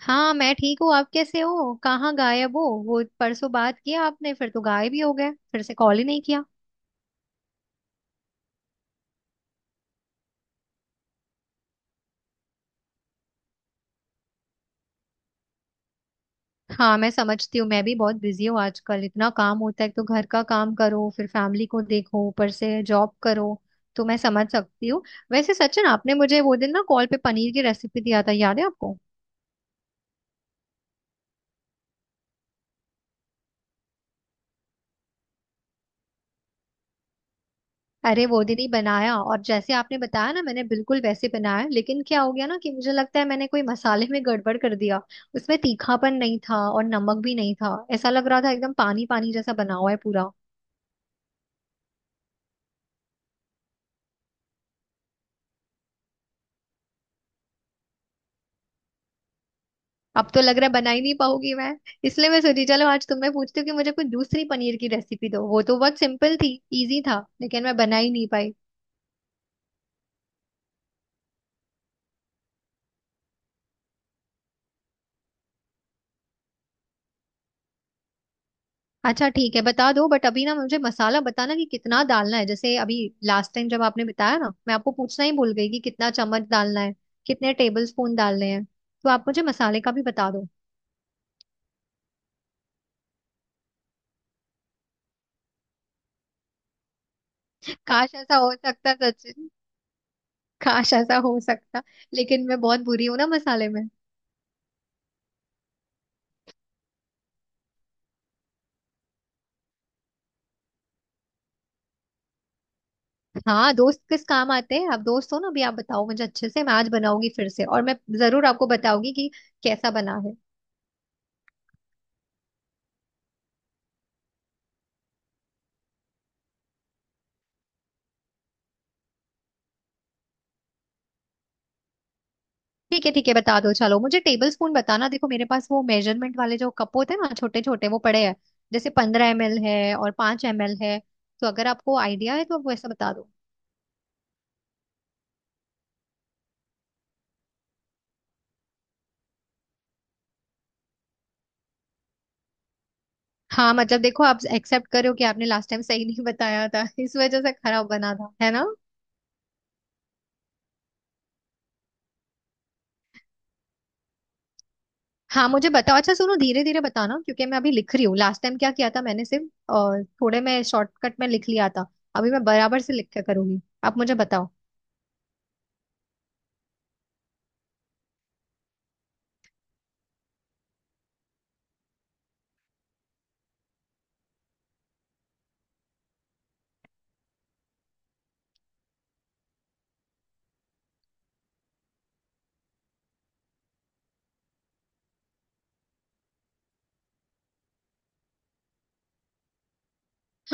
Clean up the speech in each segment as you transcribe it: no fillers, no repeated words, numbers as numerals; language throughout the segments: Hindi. हाँ, मैं ठीक हूँ। आप कैसे हो? कहाँ गायब हो? वो परसों बात किया आपने, फिर तो गायब ही हो गए, फिर से कॉल ही नहीं किया। हाँ, मैं समझती हूँ। मैं भी बहुत बिजी हूँ आजकल। इतना काम होता है, एक तो घर का काम करो, फिर फैमिली को देखो, ऊपर से जॉब करो। तो मैं समझ सकती हूँ। वैसे सचिन, आपने मुझे वो दिन ना कॉल पे पनीर की रेसिपी दिया था, याद है आपको? अरे वो दीदी बनाया, और जैसे आपने बताया ना, मैंने बिल्कुल वैसे बनाया, लेकिन क्या हो गया ना कि मुझे लगता है मैंने कोई मसाले में गड़बड़ कर दिया। उसमें तीखापन नहीं था और नमक भी नहीं था। ऐसा लग रहा था एकदम पानी पानी जैसा बना हुआ है पूरा। अब तो लग रहा है बना ही नहीं पाऊंगी मैं। इसलिए मैं सोची चलो आज तुम्हें पूछती हूँ कि मुझे कोई दूसरी पनीर की रेसिपी दो। वो तो बहुत सिंपल थी, इजी था, लेकिन मैं बना ही नहीं पाई। अच्छा ठीक है, बता दो। बट अभी ना, मुझे मसाला बताना कि कितना डालना है। जैसे अभी लास्ट टाइम जब आपने बताया ना, मैं आपको पूछना ही भूल गई कि कितना चम्मच डालना है, कितने टेबल स्पून डालने हैं। तो आप मुझे मसाले का भी बता दो। काश ऐसा हो सकता सचिन। काश ऐसा हो सकता। लेकिन मैं बहुत बुरी हूँ ना मसाले में। हाँ दोस्त, किस काम आते हैं आप? दोस्त हो ना। अभी आप बताओ मुझे अच्छे से, मैं आज बनाऊंगी फिर से, और मैं जरूर आपको बताऊंगी कि कैसा बना है। ठीक है ठीक है, बता दो। चलो मुझे टेबल स्पून बताना। देखो मेरे पास वो मेजरमेंट वाले जो कप होते हैं ना, छोटे छोटे, वो पड़े हैं। जैसे 15 ML है और 5 ML है। तो अगर आपको आइडिया है तो आप वैसा बता दो। हाँ मतलब देखो, आप एक्सेप्ट करो कि आपने लास्ट टाइम सही नहीं बताया था। इस वजह से खराब बना था, है ना। हाँ मुझे बताओ। अच्छा सुनो, धीरे धीरे बताना क्योंकि मैं अभी लिख रही हूँ। लास्ट टाइम क्या किया था, मैंने सिर्फ थोड़े में शॉर्टकट में लिख लिया था। अभी मैं बराबर से लिख के करूंगी, आप मुझे बताओ।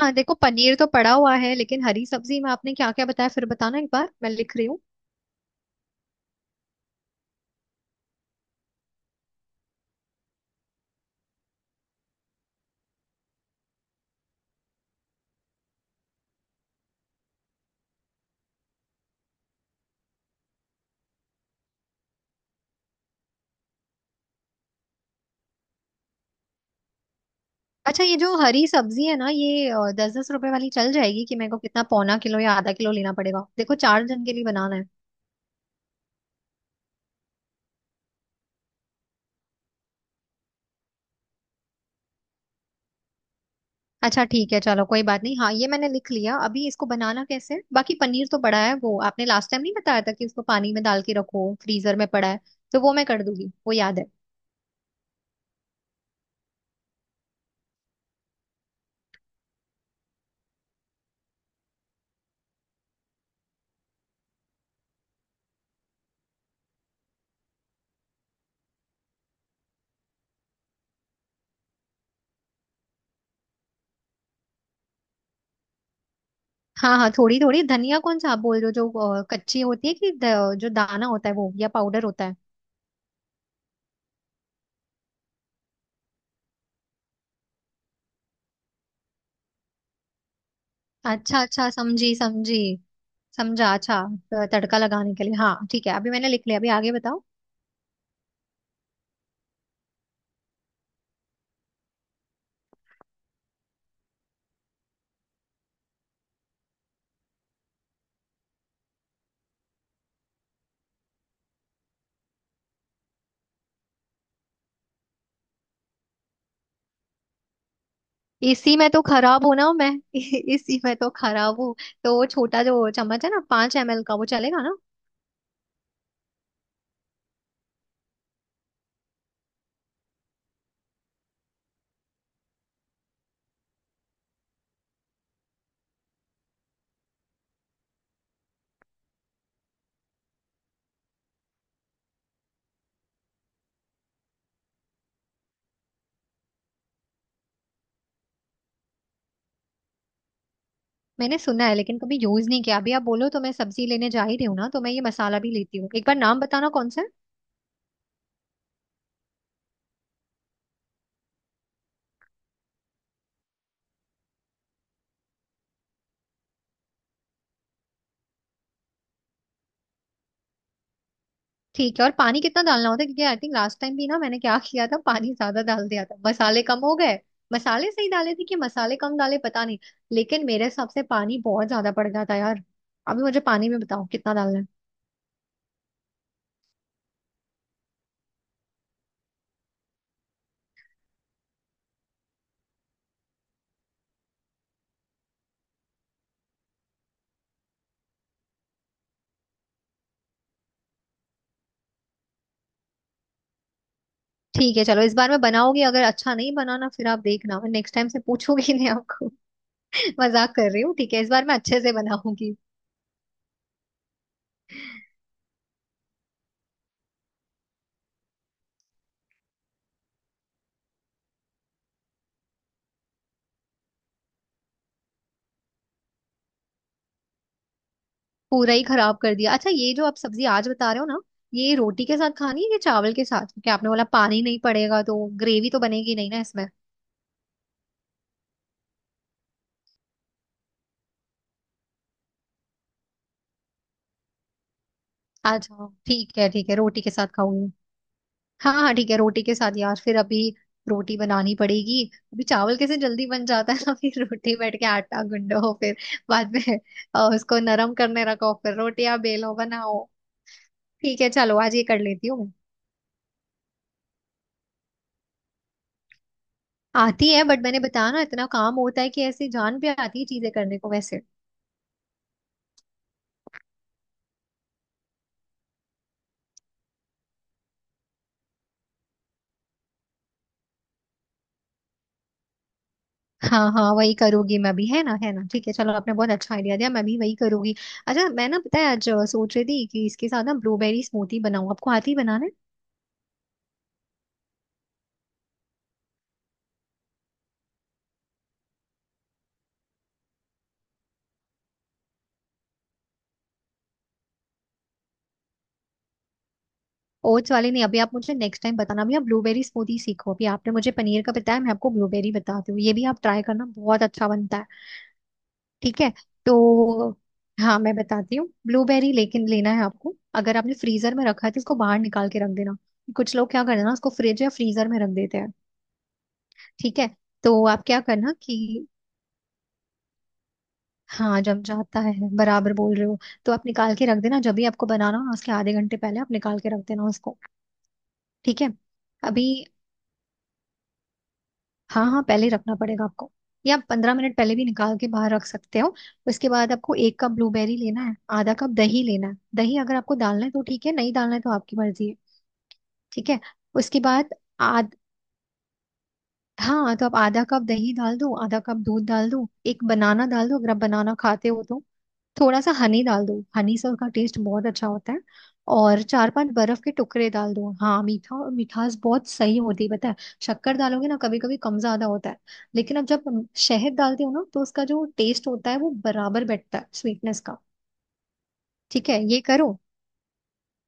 हाँ देखो, पनीर तो पड़ा हुआ है, लेकिन हरी सब्जी में आपने क्या क्या बताया फिर बताना एक बार, मैं लिख रही हूँ। अच्छा ये जो हरी सब्जी है ना, ये दस दस रुपए वाली चल जाएगी कि मेरे को कितना, पौना किलो या आधा किलो लेना पड़ेगा? देखो चार जन के लिए बनाना है। अच्छा ठीक है, चलो कोई बात नहीं। हाँ, ये मैंने लिख लिया। अभी इसको बनाना कैसे है? बाकी पनीर तो पड़ा है, वो आपने लास्ट टाइम नहीं बताया था कि उसको पानी में डाल के रखो, फ्रीजर में पड़ा है। तो वो मैं कर दूंगी, वो याद है। हाँ हाँ, थोड़ी थोड़ी। धनिया कौन सा आप बोल रहे हो? जो कच्ची होती है कि जो दाना होता है वो, या पाउडर होता है? अच्छा अच्छा, समझी समझी। समझा, अच्छा, तड़का लगाने के लिए। हाँ ठीक है, अभी मैंने लिख लिया, अभी आगे बताओ। इसी में तो खराब हूं ना मैं। इसी में तो खराब हूँ। तो वो छोटा जो चम्मच है ना, 5 ML का, वो चलेगा ना? मैंने सुना है लेकिन कभी यूज नहीं किया। अभी आप बोलो तो मैं सब्जी लेने जा ही रही हूँ ना, तो मैं ये मसाला भी लेती हूँ। एक बार नाम बताना कौन सा। ठीक है, और पानी कितना डालना होता है? क्योंकि आई थिंक लास्ट टाइम भी ना, मैंने क्या किया था, पानी ज्यादा डाल दिया था, मसाले कम हो गए। मसाले सही डाले थे कि मसाले कम डाले, पता नहीं। लेकिन मेरे हिसाब से पानी बहुत ज्यादा पड़ गया था यार। अभी मुझे पानी में बताओ कितना डालना है। ठीक है चलो, इस बार मैं बनाओगी। अगर अच्छा नहीं बना ना फिर आप देखना, मैं नेक्स्ट टाइम से पूछूंगी नहीं आपको। मजाक कर रही हूँ, ठीक है, इस बार मैं अच्छे से बनाऊंगी। पूरा ही खराब कर दिया। अच्छा ये जो आप सब्जी आज बता रहे हो ना, ये रोटी के साथ खानी है कि चावल के साथ? क्योंकि आपने बोला पानी नहीं पड़ेगा, तो ग्रेवी तो बनेगी नहीं ना। आ जाओ, ठीक है ठीक है, रोटी के साथ खाऊंगी। हाँ हाँ ठीक है, रोटी के साथ। यार फिर अभी रोटी बनानी पड़ेगी। अभी चावल कैसे जल्दी बन जाता है ना। फिर रोटी, बैठ के आटा गुंदो, फिर बाद में उसको नरम करने रखो, फिर रोटियां बेलो, बनाओ। ठीक है चलो, आज ये कर लेती हूँ मैं। आती है, बट मैंने बताया ना, इतना काम होता है कि ऐसे जान पे आती है चीजें करने को वैसे। हाँ हाँ, वही करूंगी मैं भी, है ना, है ना। ठीक है चलो, आपने बहुत अच्छा आइडिया दिया, मैं भी वही करूंगी। अच्छा मैं ना, पता है आज सोच रही थी कि इसके साथ ना ब्लूबेरी स्मूदी बनाऊं। आपको आती है बनाना? ओट्स वाले नहीं, अभी आप मुझे नेक्स्ट टाइम बताना। अभी आप ब्लूबेरी स्मूदी सीखो। अभी आपने मुझे पनीर का बताया, मैं आपको ब्लूबेरी बताती हूँ। ये भी आप ट्राई करना, बहुत अच्छा बनता है। ठीक है। तो हाँ, मैं बताती हूँ ब्लूबेरी। लेकिन लेना है आपको। अगर आपने फ्रीजर में रखा है तो इसको बाहर निकाल के रख देना। कुछ लोग क्या करते हैं ना, उसको फ्रिज या फ्रीजर में रख देते हैं। ठीक है। तो आप क्या करना कि, हाँ जम जाता है, बराबर बोल रहे हो। तो आप निकाल के रख देना, जब भी आपको बनाना हो ना, उसके आधे घंटे पहले आप निकाल के रख देना उसको। ठीक है। अभी, हाँ हाँ, पहले ही रखना पड़ेगा आपको। या आप 15 मिनट पहले भी निकाल के बाहर रख सकते हो। उसके बाद आपको एक कप ब्लूबेरी लेना है, आधा कप दही लेना है। दही अगर आपको डालना है तो ठीक है, नहीं डालना है तो आपकी मर्जी है। ठीक है। उसके बाद, हाँ, तो आप आधा कप दही डाल दो, आधा कप दूध डाल दो, एक बनाना डाल दो अगर आप बनाना खाते हो तो। थोड़ा सा हनी डाल दो, हनी से उसका टेस्ट बहुत अच्छा होता है। और चार पांच बर्फ के टुकड़े डाल दो। हाँ मीठा, और मिठास बहुत सही होती है पता है। शक्कर डालोगे ना कभी कभी, कम ज्यादा होता है। लेकिन अब जब शहद डालते हो ना, तो उसका जो टेस्ट होता है वो बराबर बैठता है, स्वीटनेस का। ठीक है ये करो।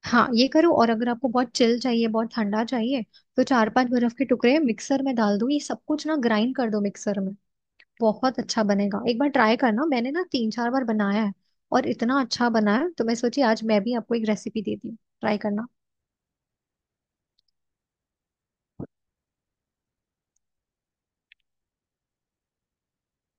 हाँ ये करो, और अगर आपको बहुत चिल चाहिए, बहुत ठंडा चाहिए, तो चार पांच बर्फ के टुकड़े मिक्सर में डाल दो, ये सब कुछ ना ग्राइंड कर दो मिक्सर में। बहुत अच्छा बनेगा, एक बार ट्राई करना। मैंने ना तीन चार बार बनाया है और इतना अच्छा बना है, तो मैं सोची आज मैं भी आपको एक रेसिपी देती हूँ, ट्राई करना।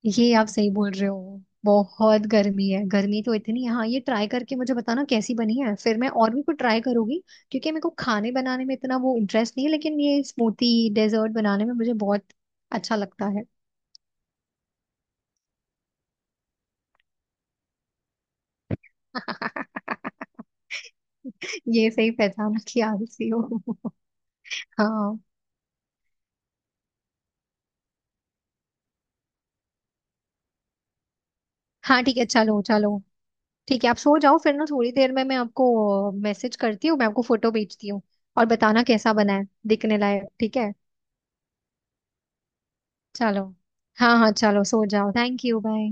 ये आप सही बोल रहे हो, बहुत गर्मी है, गर्मी तो इतनी है। हाँ ये ट्राई करके मुझे बताना कैसी बनी है, फिर मैं और भी कुछ ट्राई करूंगी। क्योंकि मेरे को खाने बनाने में इतना वो इंटरेस्ट नहीं है, लेकिन ये स्मूथी डेजर्ट बनाने में मुझे बहुत अच्छा लगता है। ये सही पहचाना कि आलसी हो। हाँ हाँ ठीक है, चलो चलो। ठीक है आप सो जाओ फिर ना, थोड़ी देर में मैं आपको मैसेज करती हूँ, मैं आपको फोटो भेजती हूँ। और बताना कैसा बना है दिखने लायक, ठीक है? चलो, हाँ हाँ चलो, सो जाओ, थैंक यू बाय।